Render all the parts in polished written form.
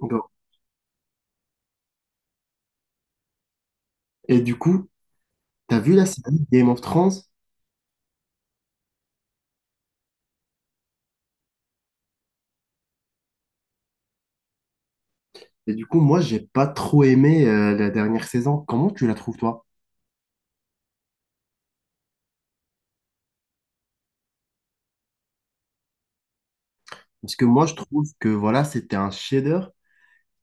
Bon. Et du coup, t'as vu la série Game of Thrones? Et du coup, moi, j'ai pas trop aimé la dernière saison. Comment tu la trouves, toi? Parce que moi, je trouve que voilà, c'était un chef-d'œuvre.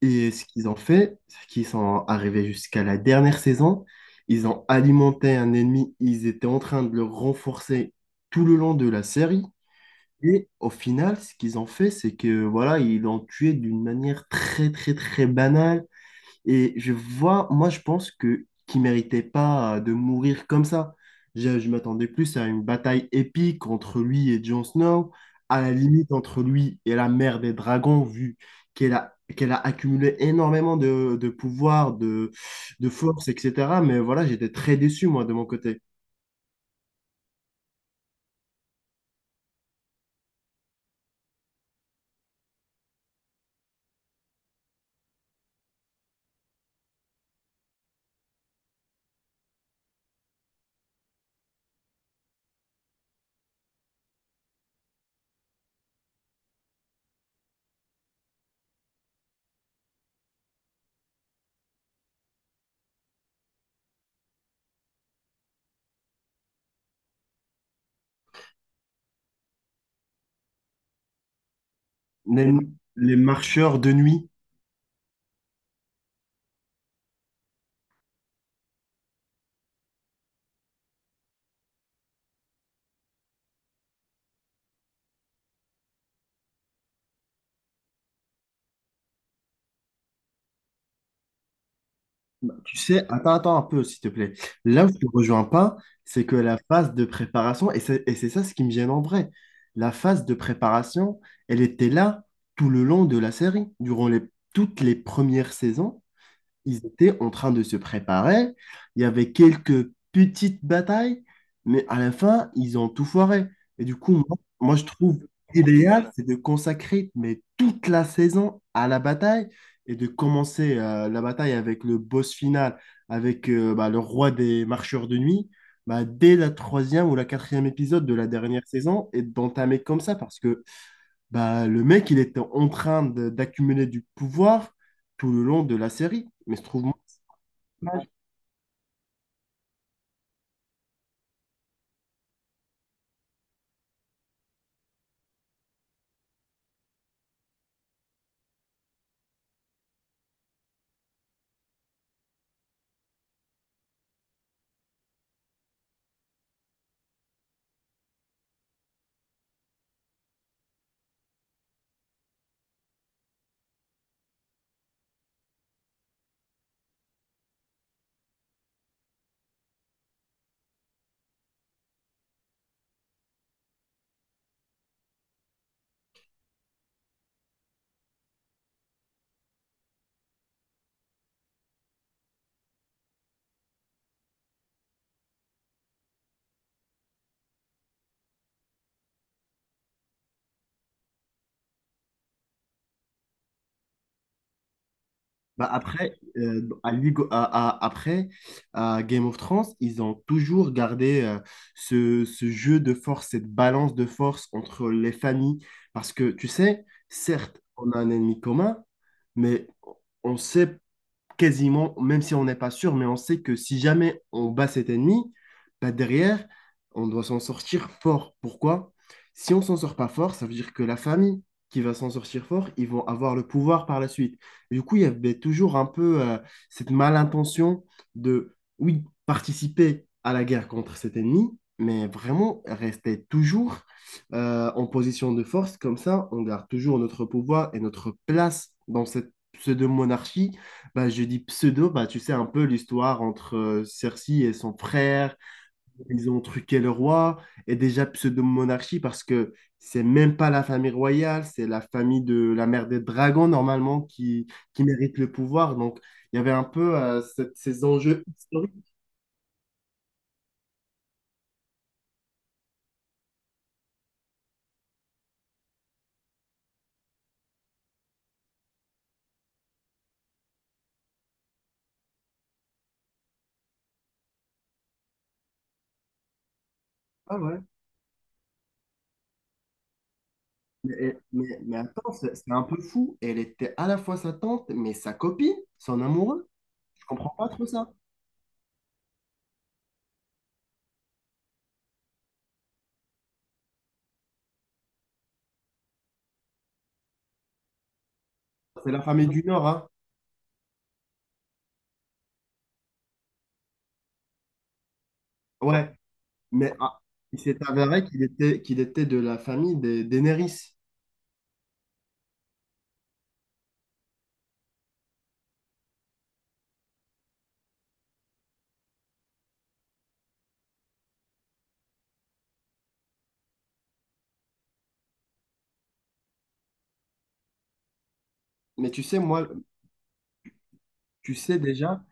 Et ce qu'ils ont fait, c'est qu'ils sont arrivés jusqu'à la dernière saison. Ils ont alimenté un ennemi. Ils étaient en train de le renforcer tout le long de la série. Et au final, ce qu'ils ont fait, c'est que voilà, ils l'ont tué d'une manière très, très, très banale. Et je vois, moi, je pense que qu'il méritait pas de mourir comme ça. Je m'attendais plus à une bataille épique entre lui et Jon Snow, à la limite entre lui et la mère des dragons, vu qu'elle a accumulé énormément de pouvoir, de force, etc. Mais voilà, j'étais très déçu, moi, de mon côté. Les, les marcheurs de nuit, attends un peu, s'il te plaît. Là où je te rejoins pas, c'est que la phase de préparation, et c'est ça ce qui me gêne en vrai, la phase de préparation, elle était là tout le long de la série, toutes les premières saisons ils étaient en train de se préparer. Il y avait quelques petites batailles, mais à la fin, ils ont tout foiré. Et du coup, moi, je trouve idéal, c'est de consacrer mais toute la saison à la bataille et de commencer la bataille avec le boss final, avec bah, le roi des marcheurs de nuit, bah, dès la troisième ou la quatrième épisode de la dernière saison et d'entamer comme ça parce que bah, le mec, il était en train d'accumuler du pouvoir tout le long de la série. Mais se trouve, Bah après, à Ligo- à- après, à Game of Thrones, ils ont toujours gardé ce jeu de force, cette balance de force entre les familles. Parce que, tu sais, certes, on a un ennemi commun, mais on sait quasiment, même si on n'est pas sûr, mais on sait que si jamais on bat cet ennemi, bah derrière, on doit s'en sortir fort. Pourquoi? Si on s'en sort pas fort, ça veut dire que la famille qui va s'en sortir fort, ils vont avoir le pouvoir par la suite. Et du coup, il y avait toujours un peu cette malintention de, oui, participer à la guerre contre cet ennemi, mais vraiment rester toujours en position de force. Comme ça, on garde toujours notre pouvoir et notre place dans cette pseudo-monarchie bah, je dis pseudo, bah, tu sais un peu l'histoire entre Cersei et son frère, ils ont truqué le roi, et déjà pseudo-monarchie parce que c'est même pas la famille royale, c'est la famille de la mère des dragons normalement qui mérite le pouvoir. Donc il y avait un peu ces enjeux historiques. Ah ouais. Mais attends, c'est un peu fou. Elle était à la fois sa tante, mais sa copine, son amoureux. Je comprends pas trop ça. C'est la famille du Nord, hein. Ouais. Mais ah, il s'est avéré qu'il était de la famille des Daenerys. Mais tu sais, moi, Tu sais déjà,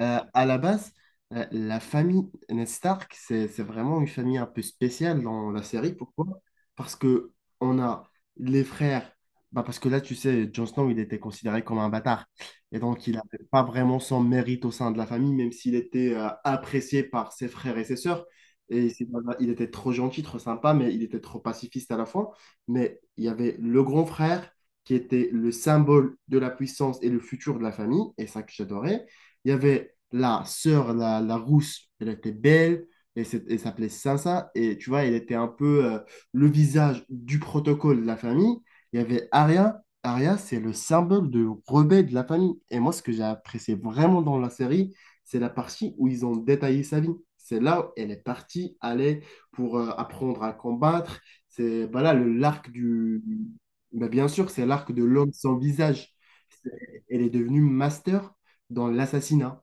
à la base, la famille Ned Stark, c'est vraiment une famille un peu spéciale dans la série. Pourquoi? Parce que on a les frères. Bah parce que là, tu sais, Jon Snow, il était considéré comme un bâtard. Et donc, il n'avait pas vraiment son mérite au sein de la famille, même s'il était apprécié par ses frères et ses sœurs. Et c'est- il était trop gentil, trop sympa, mais il était trop pacifiste à la fois. Mais il y avait le grand frère qui était le symbole de la puissance et le futur de la famille, et ça que j'adorais. Il y avait la sœur, la rousse, elle était belle, elle s'appelait Sansa, et tu vois, elle était un peu le visage du protocole de la famille. Il y avait Arya, Arya, c'est le symbole de rebelle de la famille. Et moi, ce que j'ai apprécié vraiment dans la série, c'est la partie où ils ont détaillé sa vie. C'est là où elle est partie aller pour apprendre à combattre. C'est voilà le l'arc du, mais bien sûr, c'est l'arc de l'homme sans visage. Elle est devenue master dans l'assassinat.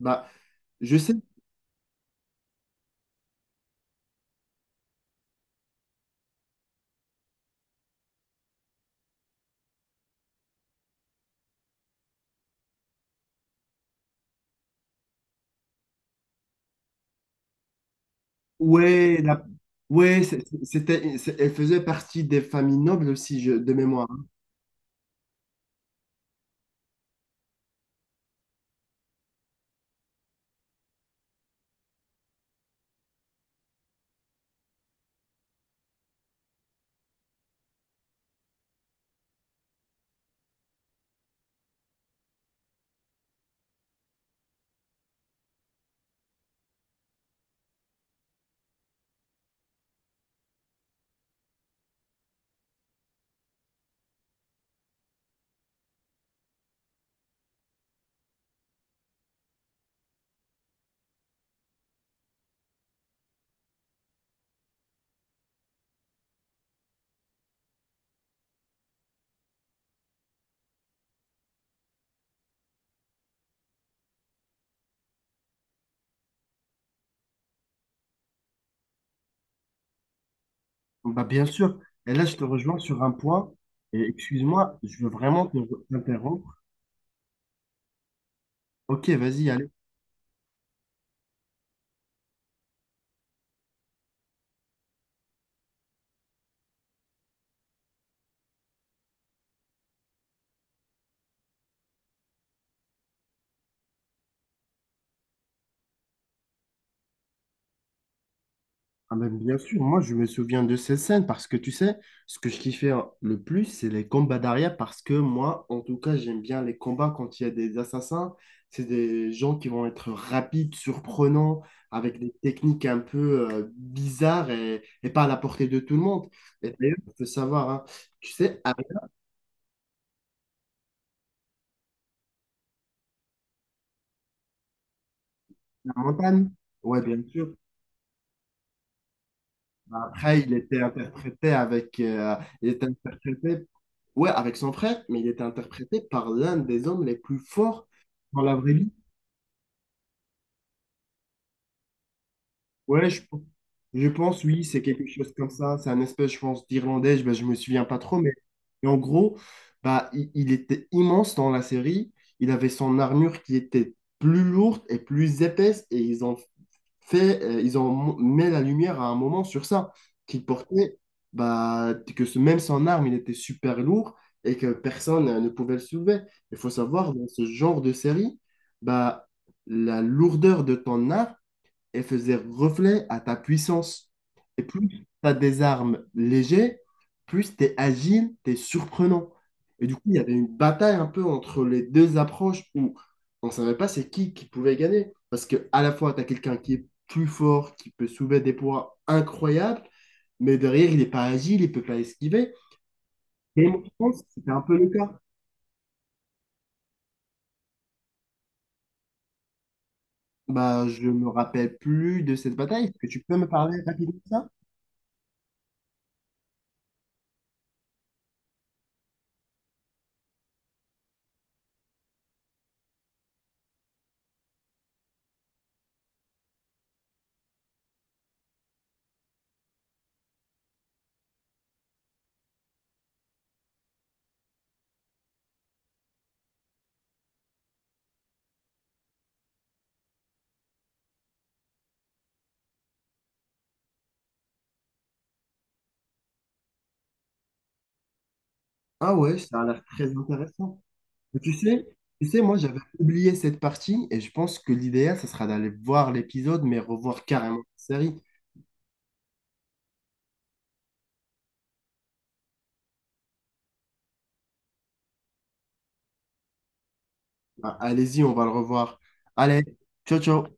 Bah, je sais, ouais, la- ouais, elle faisait partie des familles nobles aussi, de mémoire. Hein. Bah, bien sûr. Et là, je te rejoins sur un point. Et excuse-moi, je veux vraiment t'interrompre. Ok, vas-y, allez. Ah ben, bien sûr, moi je me souviens de ces scènes parce que tu sais, ce que je kiffais le plus, c'est les combats d'arrière parce que moi, en tout cas, j'aime bien les combats quand il y a des assassins. C'est des gens qui vont être rapides, surprenants, avec des techniques un peu bizarres et pas à la portée de tout le monde. Et d'ailleurs, il faut savoir, hein, tu sais, avec la montagne, ouais, bien sûr. Après, il était interprété Ouais, avec son frère, mais il était interprété par l'un des hommes les plus forts dans la vraie vie. Ouais, je pense, oui, c'est quelque chose comme ça. C'est un espèce, je pense, d'Irlandais, je, ben, je me souviens pas trop, mais en gros, bah, il était immense dans la série. Il avait son armure qui était plus lourde et plus épaisse, et ils ont mis la lumière à un moment sur ça, qu'il portait, bah, que ce, même son arme, il était super lourd et que personne ne pouvait le soulever. Il faut savoir, dans ce genre de série, bah, la lourdeur de ton arme, et faisait reflet à ta puissance. Et plus tu as des armes légères, plus tu es agile, tu es surprenant. Et du coup, il y avait une bataille un peu entre les deux approches où on ne savait pas c'est qui pouvait gagner. Parce que à la fois, tu as quelqu'un qui est plus fort, qui peut soulever des poids incroyables, mais derrière, il n'est pas agile, il ne peut pas esquiver. Et moi, je pense que c'était un peu le cas. Bah, je me rappelle plus de cette bataille. Est-ce que tu peux me parler rapidement de ça? Ah ouais, ça a l'air très intéressant. Mais tu sais, moi j'avais oublié cette partie et je pense que l'idéal, ça sera d'aller voir l'épisode, mais revoir carrément la série. Ah, allez-y, on va le revoir. Allez, ciao, ciao.